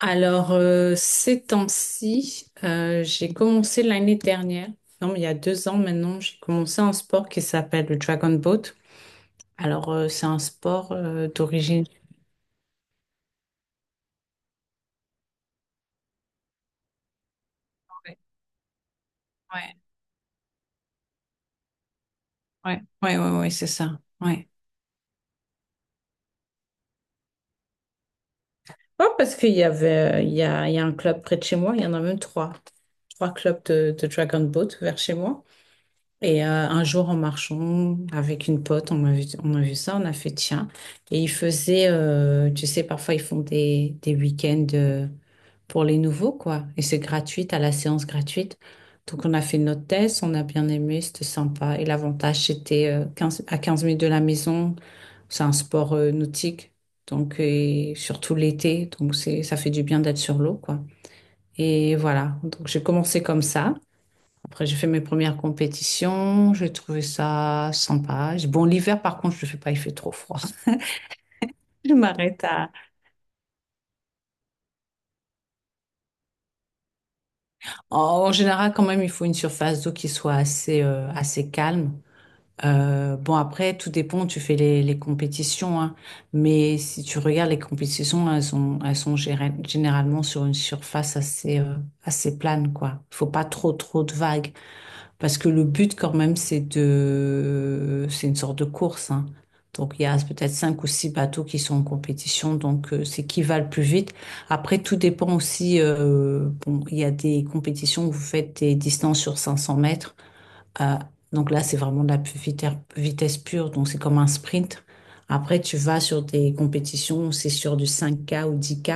Alors, ces temps-ci, j'ai commencé l'année dernière, non, mais il y a 2 ans maintenant, j'ai commencé un sport qui s'appelle le Dragon Boat. Alors, c'est un sport d'origine. Ouais, ouais, ouais, ouais, ouais, ouais, c'est ça. Ouais. Ouais, parce qu'il y avait, il y a un club près de chez moi, il y en a même trois. Trois clubs de Dragon Boat vers chez moi. Et un jour, en marchant avec une pote, on a vu ça, on a fait tiens. Et ils faisaient, tu sais, parfois ils font des week-ends pour les nouveaux, quoi. Et c'est gratuit, à la séance gratuite. Donc on a fait notre test, on a bien aimé, c'était sympa. Et l'avantage, c'était 15 à 15 minutes de la maison. C'est un sport nautique, donc et surtout l'été. Donc ça fait du bien d'être sur l'eau, quoi. Et voilà, donc j'ai commencé comme ça. Après, j'ai fait mes premières compétitions, j'ai trouvé ça sympa. Bon, l'hiver, par contre, je ne le fais pas, il fait trop froid. Je m'arrête à... En général, quand même, il faut une surface d'eau qui soit assez calme. Bon, après, tout dépend, tu fais les compétitions, hein. Mais si tu regardes les compétitions, elles sont généralement sur une surface assez plane, quoi. Il faut pas trop, trop de vagues. Parce que le but, quand même, c'est une sorte de course, hein. Donc, il y a peut-être cinq ou six bateaux qui sont en compétition. Donc, c'est qui va le plus vite. Après, tout dépend aussi. Bon, il y a des compétitions où vous faites des distances sur 500 mètres. Euh, donc là, c'est vraiment de la vitesse pure. Donc, c'est comme un sprint. Après, tu vas sur des compétitions où c'est sur du 5K ou 10K.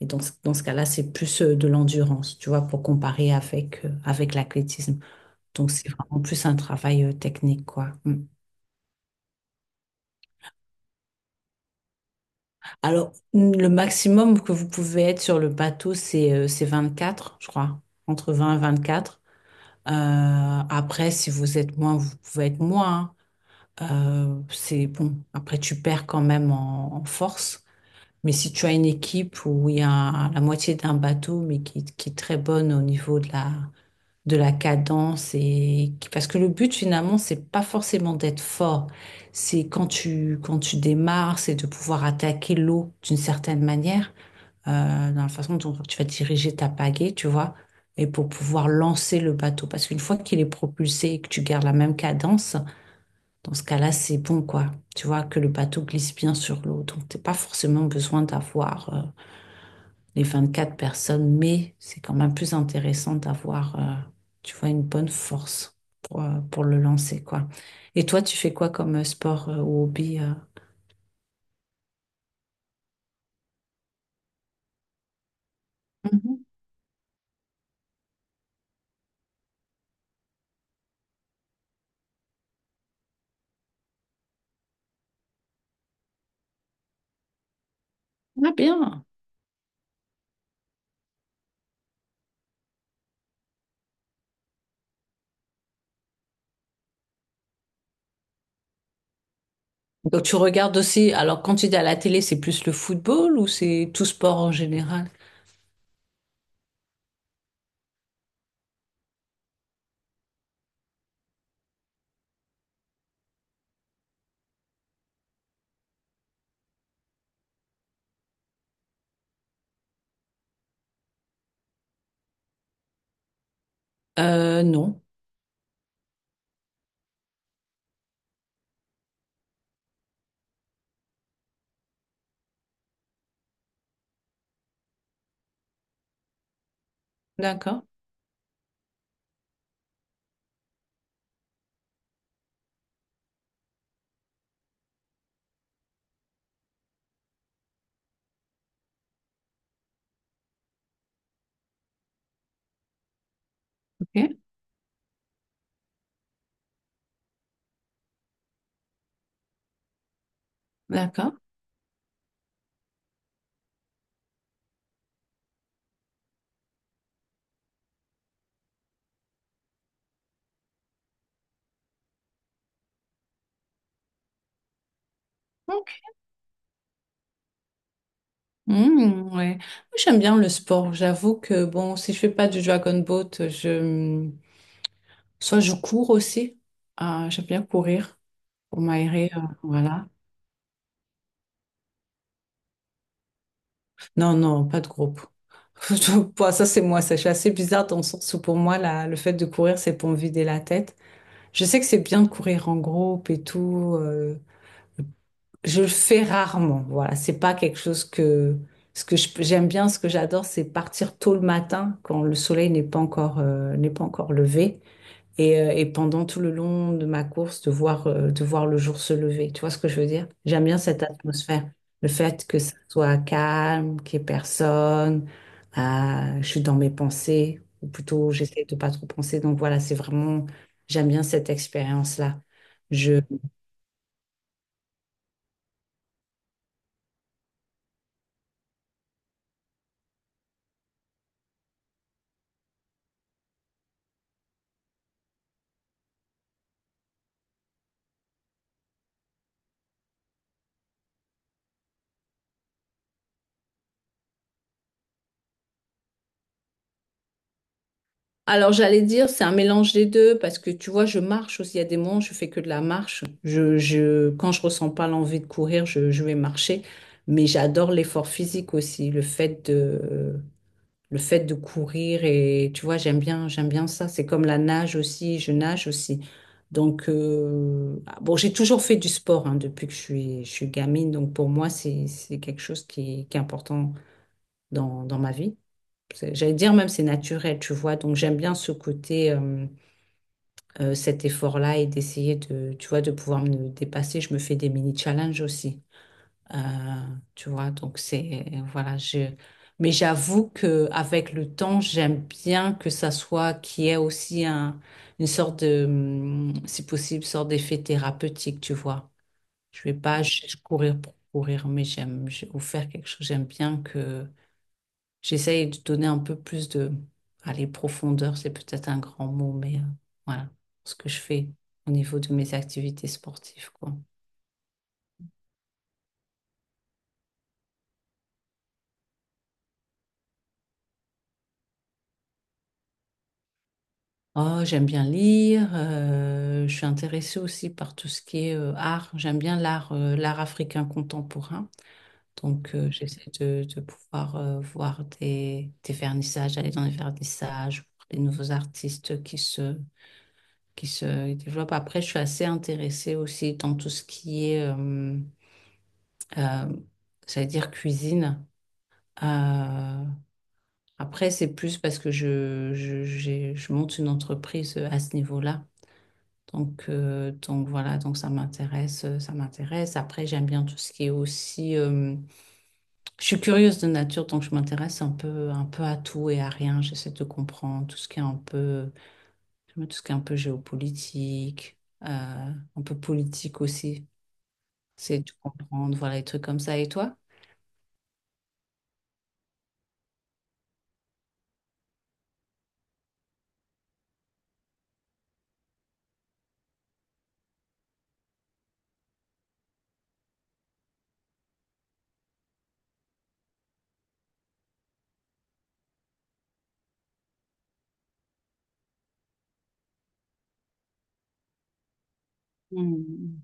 Et donc, dans ce cas-là, c'est plus de l'endurance, tu vois, pour comparer avec l'athlétisme. Donc, c'est vraiment plus un travail technique, quoi. Mm. Alors, le maximum que vous pouvez être sur le bateau, c'est quatre je crois, entre 20 et 24. Après, si vous êtes moins, vous pouvez être moins. Hein. C'est bon. Après, tu perds quand même en force. Mais si tu as une équipe où il y a la moitié d'un bateau, mais qui est très bonne au niveau de la cadence, et parce que le but finalement, c'est pas forcément d'être fort. C'est quand tu démarres, c'est de pouvoir attaquer l'eau d'une certaine manière, dans la façon dont tu vas diriger ta pagaie, tu vois. Et pour pouvoir lancer le bateau parce qu'une fois qu'il est propulsé et que tu gardes la même cadence, dans ce cas-là c'est bon, quoi. Tu vois que le bateau glisse bien sur l'eau, donc t'es pas forcément besoin d'avoir les 24 personnes, mais c'est quand même plus intéressant d'avoir, tu vois, une bonne force pour le lancer, quoi. Et toi, tu fais quoi comme sport ou hobby Mhm. Ah bien. Donc tu regardes aussi, alors quand tu dis à la télé, c'est plus le football ou c'est tout sport en général? Non. D'accord. Ok. D'accord. Ok. Mhm, ouais. Moi, j'aime bien le sport. J'avoue que bon, si je fais pas du dragon boat, je soit je cours aussi. Ah, j'aime bien courir. Pour m'aérer, voilà. Non, non, pas de groupe. Bon, ça, c'est moi, ça. Je suis assez bizarre dans le sens où pour moi, le fait de courir, c'est pour me vider la tête. Je sais que c'est bien de courir en groupe et tout. Je le fais rarement. Voilà, c'est pas quelque chose que ce que j'aime bien, ce que j'adore, c'est partir tôt le matin quand le soleil n'est pas encore levé. Et pendant tout le long de ma course, de voir le jour se lever. Tu vois ce que je veux dire? J'aime bien cette atmosphère. Le fait que ça soit calme, qu'il n'y ait personne, je suis dans mes pensées, ou plutôt j'essaie de pas trop penser. Donc voilà, c'est vraiment, j'aime bien cette expérience-là. Je Alors j'allais dire, c'est un mélange des deux parce que tu vois, je marche aussi. Il y a des moments, je fais que de la marche. Quand je ressens pas l'envie de courir, je vais marcher. Mais j'adore l'effort physique aussi, le fait de courir et tu vois, j'aime bien ça. C'est comme la nage aussi. Je nage aussi. Donc ah, bon, j'ai toujours fait du sport hein, depuis que je suis gamine. Donc pour moi, c'est quelque chose qui, qui est important dans, ma vie. J'allais dire même c'est naturel, tu vois. Donc j'aime bien ce côté, cet effort-là et d'essayer de, tu vois, de pouvoir me dépasser. Je me fais des mini-challenges aussi, Euh, tu vois. Donc c'est, voilà, je... Mais j'avoue que avec le temps, j'aime bien que ça soit, qu'il y ait aussi un, une sorte de, si possible, sorte d'effet thérapeutique, tu vois. Je vais pas courir pour courir, mais j'aime, ou faire quelque chose. J'aime bien que. J'essaye de donner un peu plus de... Allez, profondeur, c'est peut-être un grand mot, mais voilà ce que je fais au niveau de mes activités sportives, quoi. Oh, j'aime bien lire. Je suis intéressée aussi par tout ce qui est art. J'aime bien l'art, l'art africain contemporain. Donc, j'essaie de pouvoir voir des vernissages, aller dans les vernissages, voir les nouveaux artistes qui se développent. Après, je suis assez intéressée aussi dans tout ce qui est... Euh, J'allais dire cuisine. Euh, après, c'est plus parce que je monte une entreprise à ce niveau-là. Donc voilà, donc ça m'intéresse. Après, j'aime bien tout ce qui est aussi. Je suis curieuse de nature, donc je m'intéresse un peu à tout et à rien. J'essaie de comprendre tout ce qui est un peu, tout ce qui est un peu géopolitique, un peu politique aussi. C'est de comprendre, voilà, les trucs comme ça. Et toi? Mhm.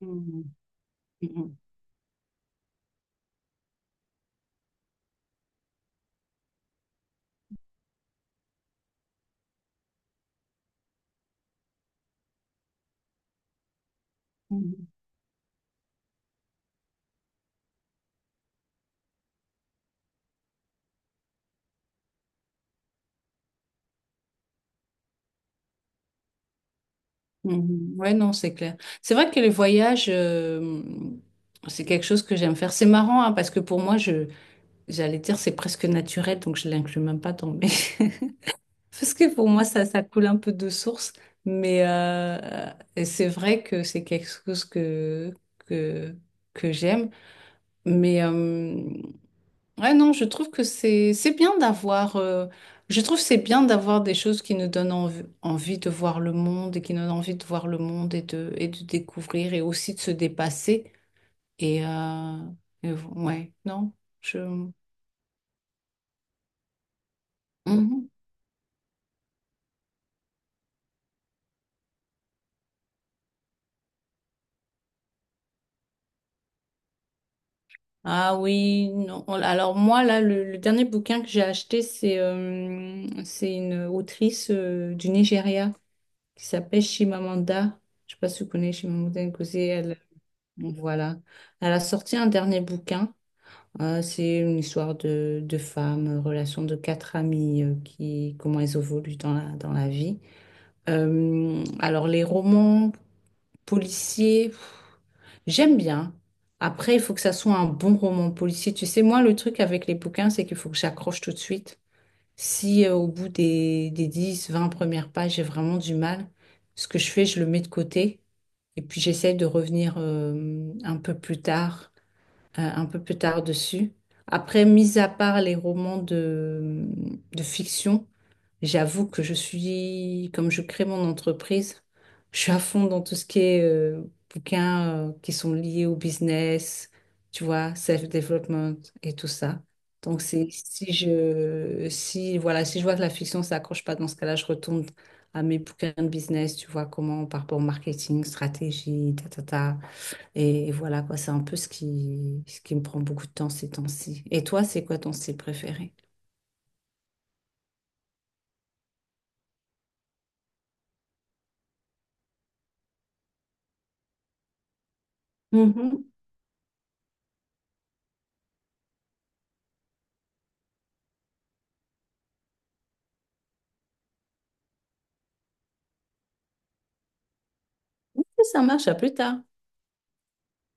Mhm. Mhm. Mhm. Mhm. Ouais, non, c'est clair. C'est vrai que les voyages, c'est quelque chose que j'aime faire. C'est marrant, hein, parce que pour moi, j'allais dire, c'est presque naturel, donc je l'inclus même pas dans mes... Parce que pour moi, ça coule un peu de source, mais et c'est vrai que c'est quelque chose que, que j'aime. Mais ouais, non, je trouve que c'est bien d'avoir je trouve c'est bien d'avoir des choses qui nous donnent envie de voir le monde et qui nous donnent envie de voir le monde et de découvrir et aussi de se dépasser, et, euh, et ouais, non, je. Mhm. Ah oui, non. Alors moi là le dernier bouquin que j'ai acheté, c'est une autrice du Nigeria qui s'appelle Chimamanda. Je sais pas si vous connaissez Chimamanda Ngozi, elle voilà. Elle a sorti un dernier bouquin. Ah, c'est une histoire de femmes, relation de quatre amies, qui, comment elles évoluent dans la vie. Alors, les romans policiers, pff, j'aime bien. Après, il faut que ça soit un bon roman policier. Tu sais, moi, le truc avec les bouquins, c'est qu'il faut que j'accroche tout de suite. Si, au bout des 10, 20 premières pages, j'ai vraiment du mal, ce que je fais, je le mets de côté. Et puis, j'essaie de revenir, un peu plus tard un peu plus tard dessus. Après, mis à part les romans de fiction, j'avoue que je suis, comme je crée mon entreprise, je suis à fond dans tout ce qui est bouquins qui sont liés au business, tu vois, self-development et tout ça. Donc, c'est, si je, si, voilà, si je vois que la fiction, ça accroche pas, dans ce cas-là, je retourne à mes bouquins de business, tu vois, comment par rapport au marketing, stratégie, ta, ta, ta. Et voilà quoi, c'est un peu ce qui me prend beaucoup de temps ces temps-ci. Et toi, c'est quoi ton style préféré? Mhm. Ok, ça marche, à plus tard.